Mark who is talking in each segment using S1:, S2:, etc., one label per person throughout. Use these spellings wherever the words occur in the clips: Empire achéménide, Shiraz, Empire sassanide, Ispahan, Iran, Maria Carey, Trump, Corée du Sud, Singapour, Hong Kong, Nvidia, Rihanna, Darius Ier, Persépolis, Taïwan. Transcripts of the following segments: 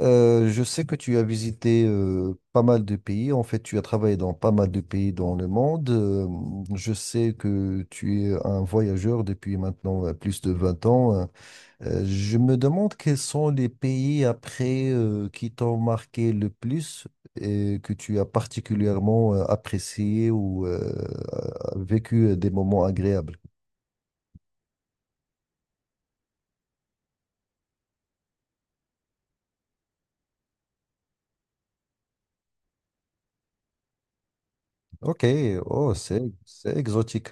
S1: Je sais que tu as visité pas mal de pays. En fait, tu as travaillé dans pas mal de pays dans le monde. Je sais que tu es un voyageur depuis maintenant plus de 20 ans. Je me demande quels sont les pays après qui t'ont marqué le plus et que tu as particulièrement apprécié ou vécu des moments agréables. Ok. Oh, c'est exotique.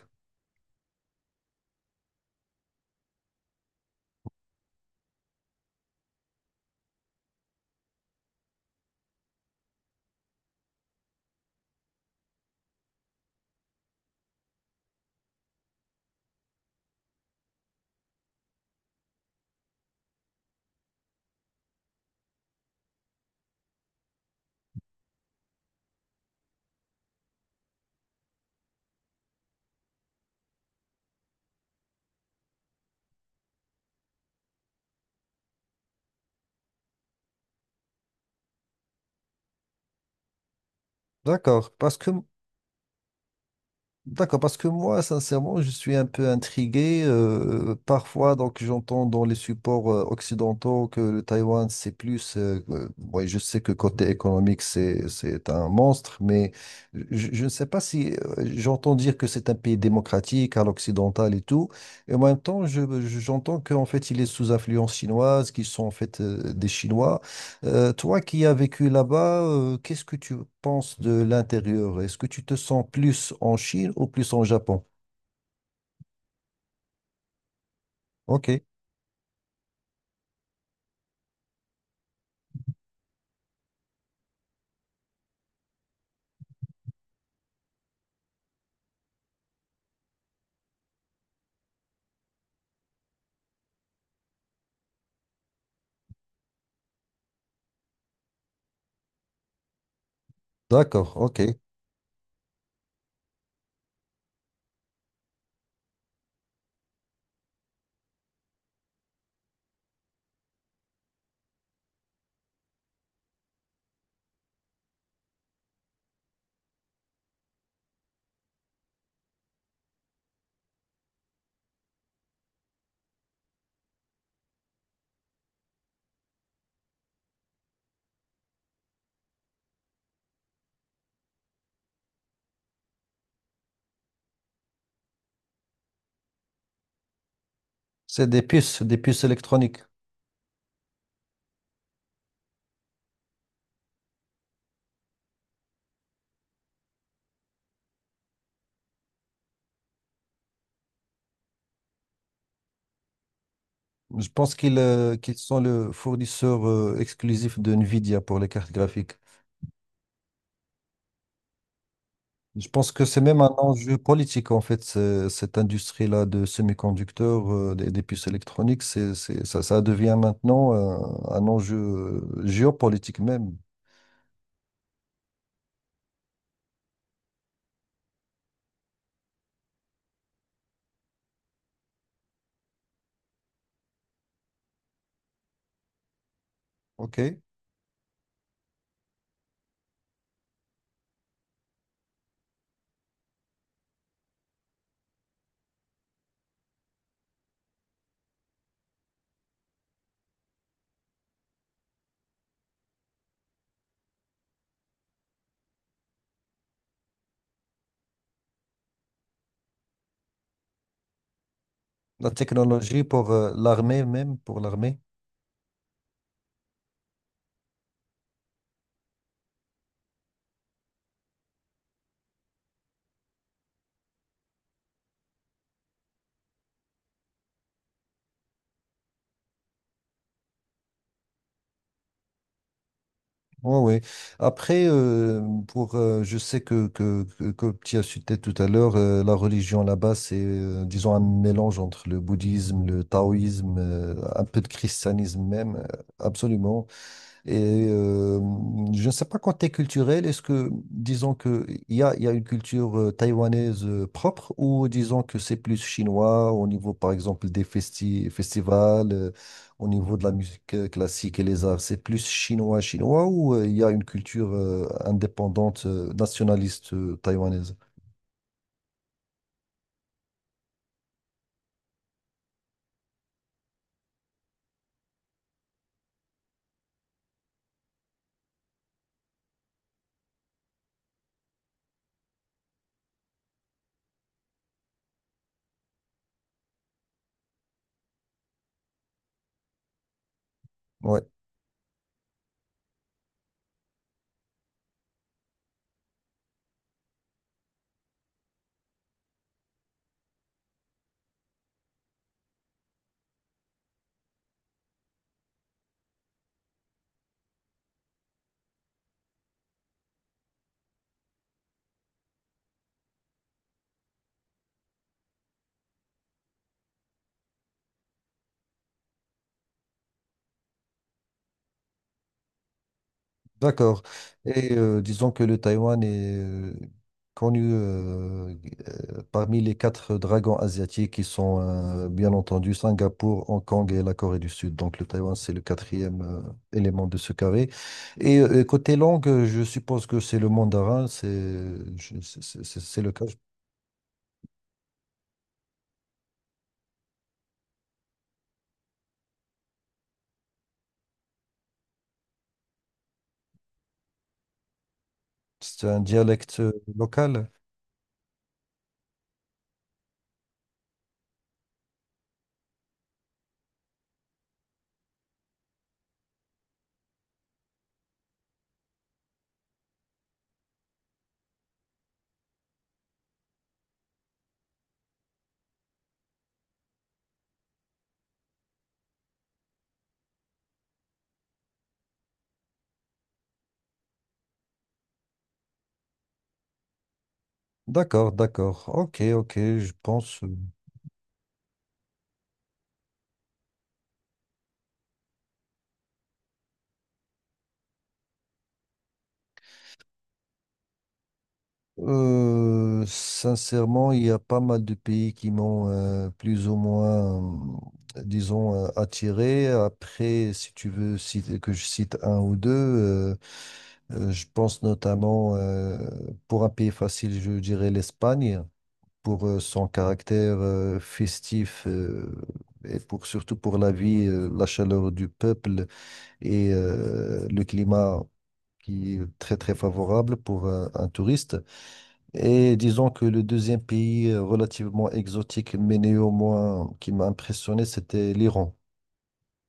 S1: D'accord, parce que D'accord, parce que moi, sincèrement, je suis un peu intrigué. Parfois, donc, j'entends dans les supports occidentaux que le Taïwan, c'est plus. Ouais, je sais que côté économique, c'est un monstre, mais je ne sais pas si j'entends dire que c'est un pays démocratique à l'occidental et tout. Et en même temps, j'entends qu'en fait, il est sous influence chinoise, qu'ils sont en fait des Chinois. Toi qui as vécu là-bas, qu'est-ce que tu penses de l'intérieur? Est-ce que tu te sens plus en Chine ou plus en Japon? Ok, d'accord, ok. C'est des puces électroniques. Je pense qu'ils qu'ils sont le fournisseur exclusif de Nvidia pour les cartes graphiques. Je pense que c'est même un enjeu politique, en fait, cette industrie-là de semi-conducteurs, des puces électroniques, ça devient maintenant un enjeu géopolitique même. Ok. La technologie pour l'armée même, pour l'armée. Oui, oui. Après, pour, je sais que tu as cité tout à l'heure, la religion là-bas, c'est, disons, un mélange entre le bouddhisme, le taoïsme, un peu de christianisme même. Absolument. Et euh, je ne sais pas quand tu culturel, est-ce que, disons que il y a une culture taïwanaise propre ou disons que c'est plus chinois au niveau, par exemple, des festivals, au niveau de la musique classique et les arts, c'est plus chinois ou il y a une culture indépendante, nationaliste taïwanaise? Ouais. D'accord. Et disons que le Taïwan est connu parmi les quatre dragons asiatiques qui sont bien entendu Singapour, Hong Kong et la Corée du Sud. Donc le Taïwan, c'est le quatrième élément de ce carré. Et côté langue, je suppose que c'est le mandarin, c'est je- c'est le cas. C'est un dialecte local. D'accord, d'accord. Ok, ok, je pense. Sincèrement, il y a pas mal de pays qui m'ont plus ou moins, disons, attiré. Après, si tu veux citer- que je cite un ou deux, je pense notamment, pour un pays facile, je dirais l'Espagne, pour son caractère festif et surtout pour la vie, la chaleur du peuple et le climat qui est très, très favorable pour un touriste. Et disons que le deuxième pays relativement exotique, mais néanmoins qui m'a impressionné, c'était l'Iran.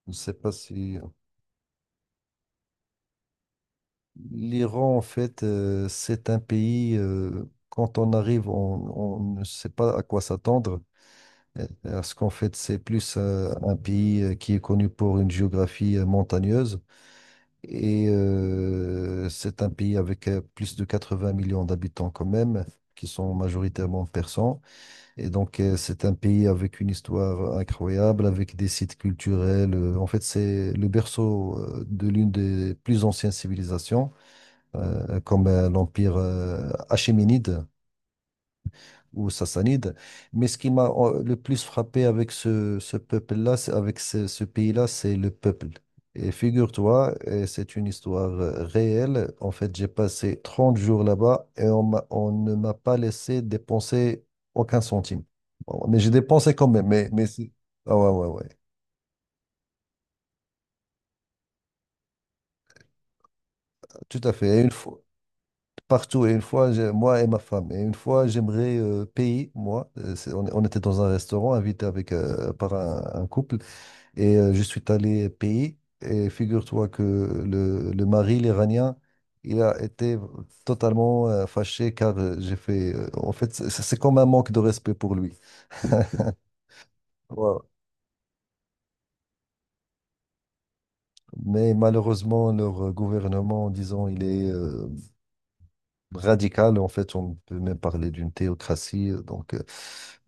S1: Je ne sais pas si... L'Iran, en fait, c'est un pays, quand on arrive, on ne sait pas à quoi s'attendre, parce qu'en fait, c'est plus un pays qui est connu pour une géographie montagneuse, et c'est un pays avec plus de 80 millions d'habitants quand même, qui sont majoritairement persans. Et donc, c'est un pays avec une histoire incroyable, avec des sites culturels. En fait, c'est le berceau de l'une des plus anciennes civilisations, comme l'Empire achéménide ou sassanide. Mais ce qui m'a le plus frappé avec ce avec ce pays-là, c'est le peuple. Et figure-toi, et c'est une histoire réelle. En fait, j'ai passé 30 jours là-bas et on ne m'a pas laissé dépenser aucun centime. Bon, mais j'ai dépensé quand même. Mais, ah ouais, ouais, ouais, tout à fait. Et une fois, partout, et une fois, moi et ma femme, et une fois, j'aimerais payer, moi. On était dans un restaurant invité avec, par un couple. Et je suis allé payer. Et figure-toi que le mari, l'Iranien, il a été totalement fâché car j'ai fait. En fait, c'est comme un manque de respect pour lui. Ouais. Mais malheureusement, leur gouvernement, disons, il est radical. En fait, on peut même parler d'une théocratie. euh, Donc, euh,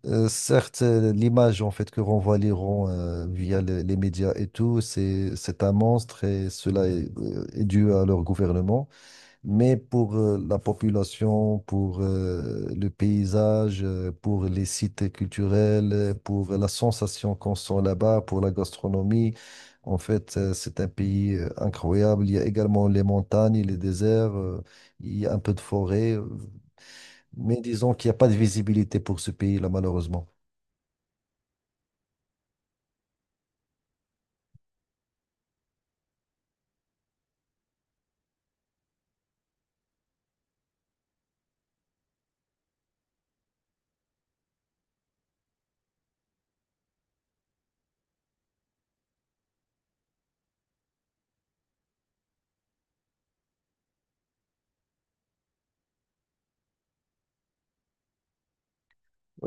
S1: euh, Certes, l'image en fait que renvoie l'Iran via les médias et tout, c'est un monstre et cela est dû à leur gouvernement. Mais pour la population, pour le paysage, pour les sites culturels, pour la sensation qu'on sent là-bas, pour la gastronomie, en fait, c'est un pays incroyable. Il y a également les montagnes, les déserts, il y a un peu de forêt, mais disons qu'il n'y a pas de visibilité pour ce pays-là, malheureusement.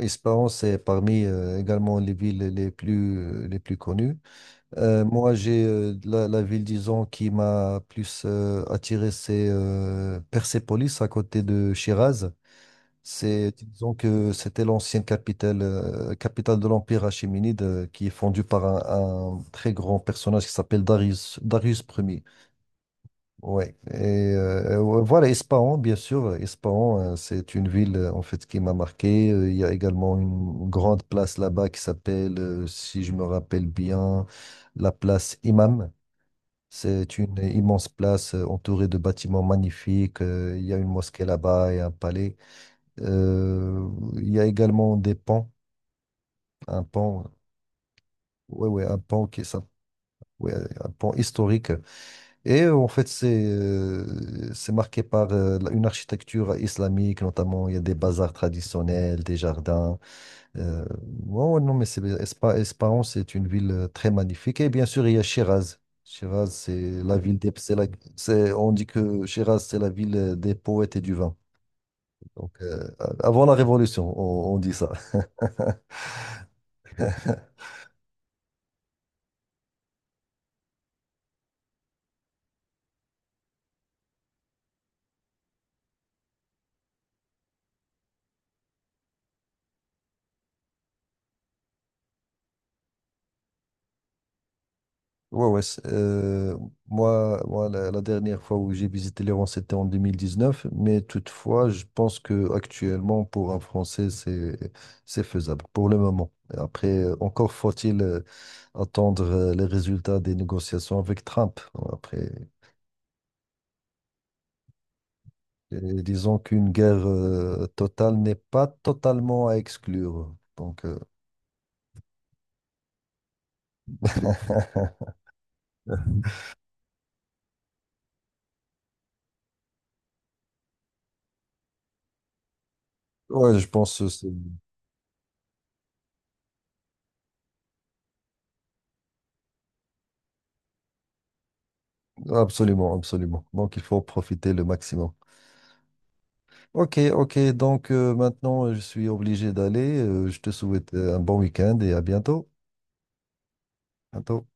S1: Espérance est parmi également les villes les plus connues. Moi, j'ai la ville, disons, qui m'a plus attiré, c'est Persépolis, à côté de Shiraz. C'est, disons que c'était l'ancienne capitale, capitale de l'Empire achéménide, qui est fondue par un très grand personnage qui s'appelle Darius, Darius Ier. Ouais. Et voilà, Ispahan, bien sûr. Ispahan, c'est une ville, en fait, qui m'a marqué. Il y a également une grande place là-bas qui s'appelle, si je me rappelle bien, la place Imam. C'est une immense place entourée de bâtiments magnifiques. Il y a une mosquée là-bas et un palais. Euh, il y a également des ponts, un pont, ouais, ouais, un pont qui est s'app- ouais, un pont historique. Et en fait, c'est marqué par une architecture islamique, notamment il y a des bazars traditionnels, des jardins. Euh, ouais, ouais, non, mais Espahan, c'est une ville très magnifique. Et bien sûr, il y a Shiraz. Shiraz, c'est la ville des, c'est la- c'est- on dit que Shiraz, c'est la ville des poètes et du vin. Donc, avant la Révolution, on dit ça. Ouais, ouais. Moi la, la dernière fois où j'ai visité l'Iran, c'était en 2019. Mais toutefois, je pense que actuellement, pour un Français, c'est faisable pour le moment. Et après, encore faut-il attendre les résultats des négociations avec Trump. Après, disons qu'une guerre totale n'est pas totalement à exclure. Donc, ouais, je pense que c'est absolument, absolument. Donc, il faut en profiter le maximum. Ok, ok. Donc maintenant, je suis obligé d'aller. Je te souhaite un bon week-end et à bientôt. Bientôt.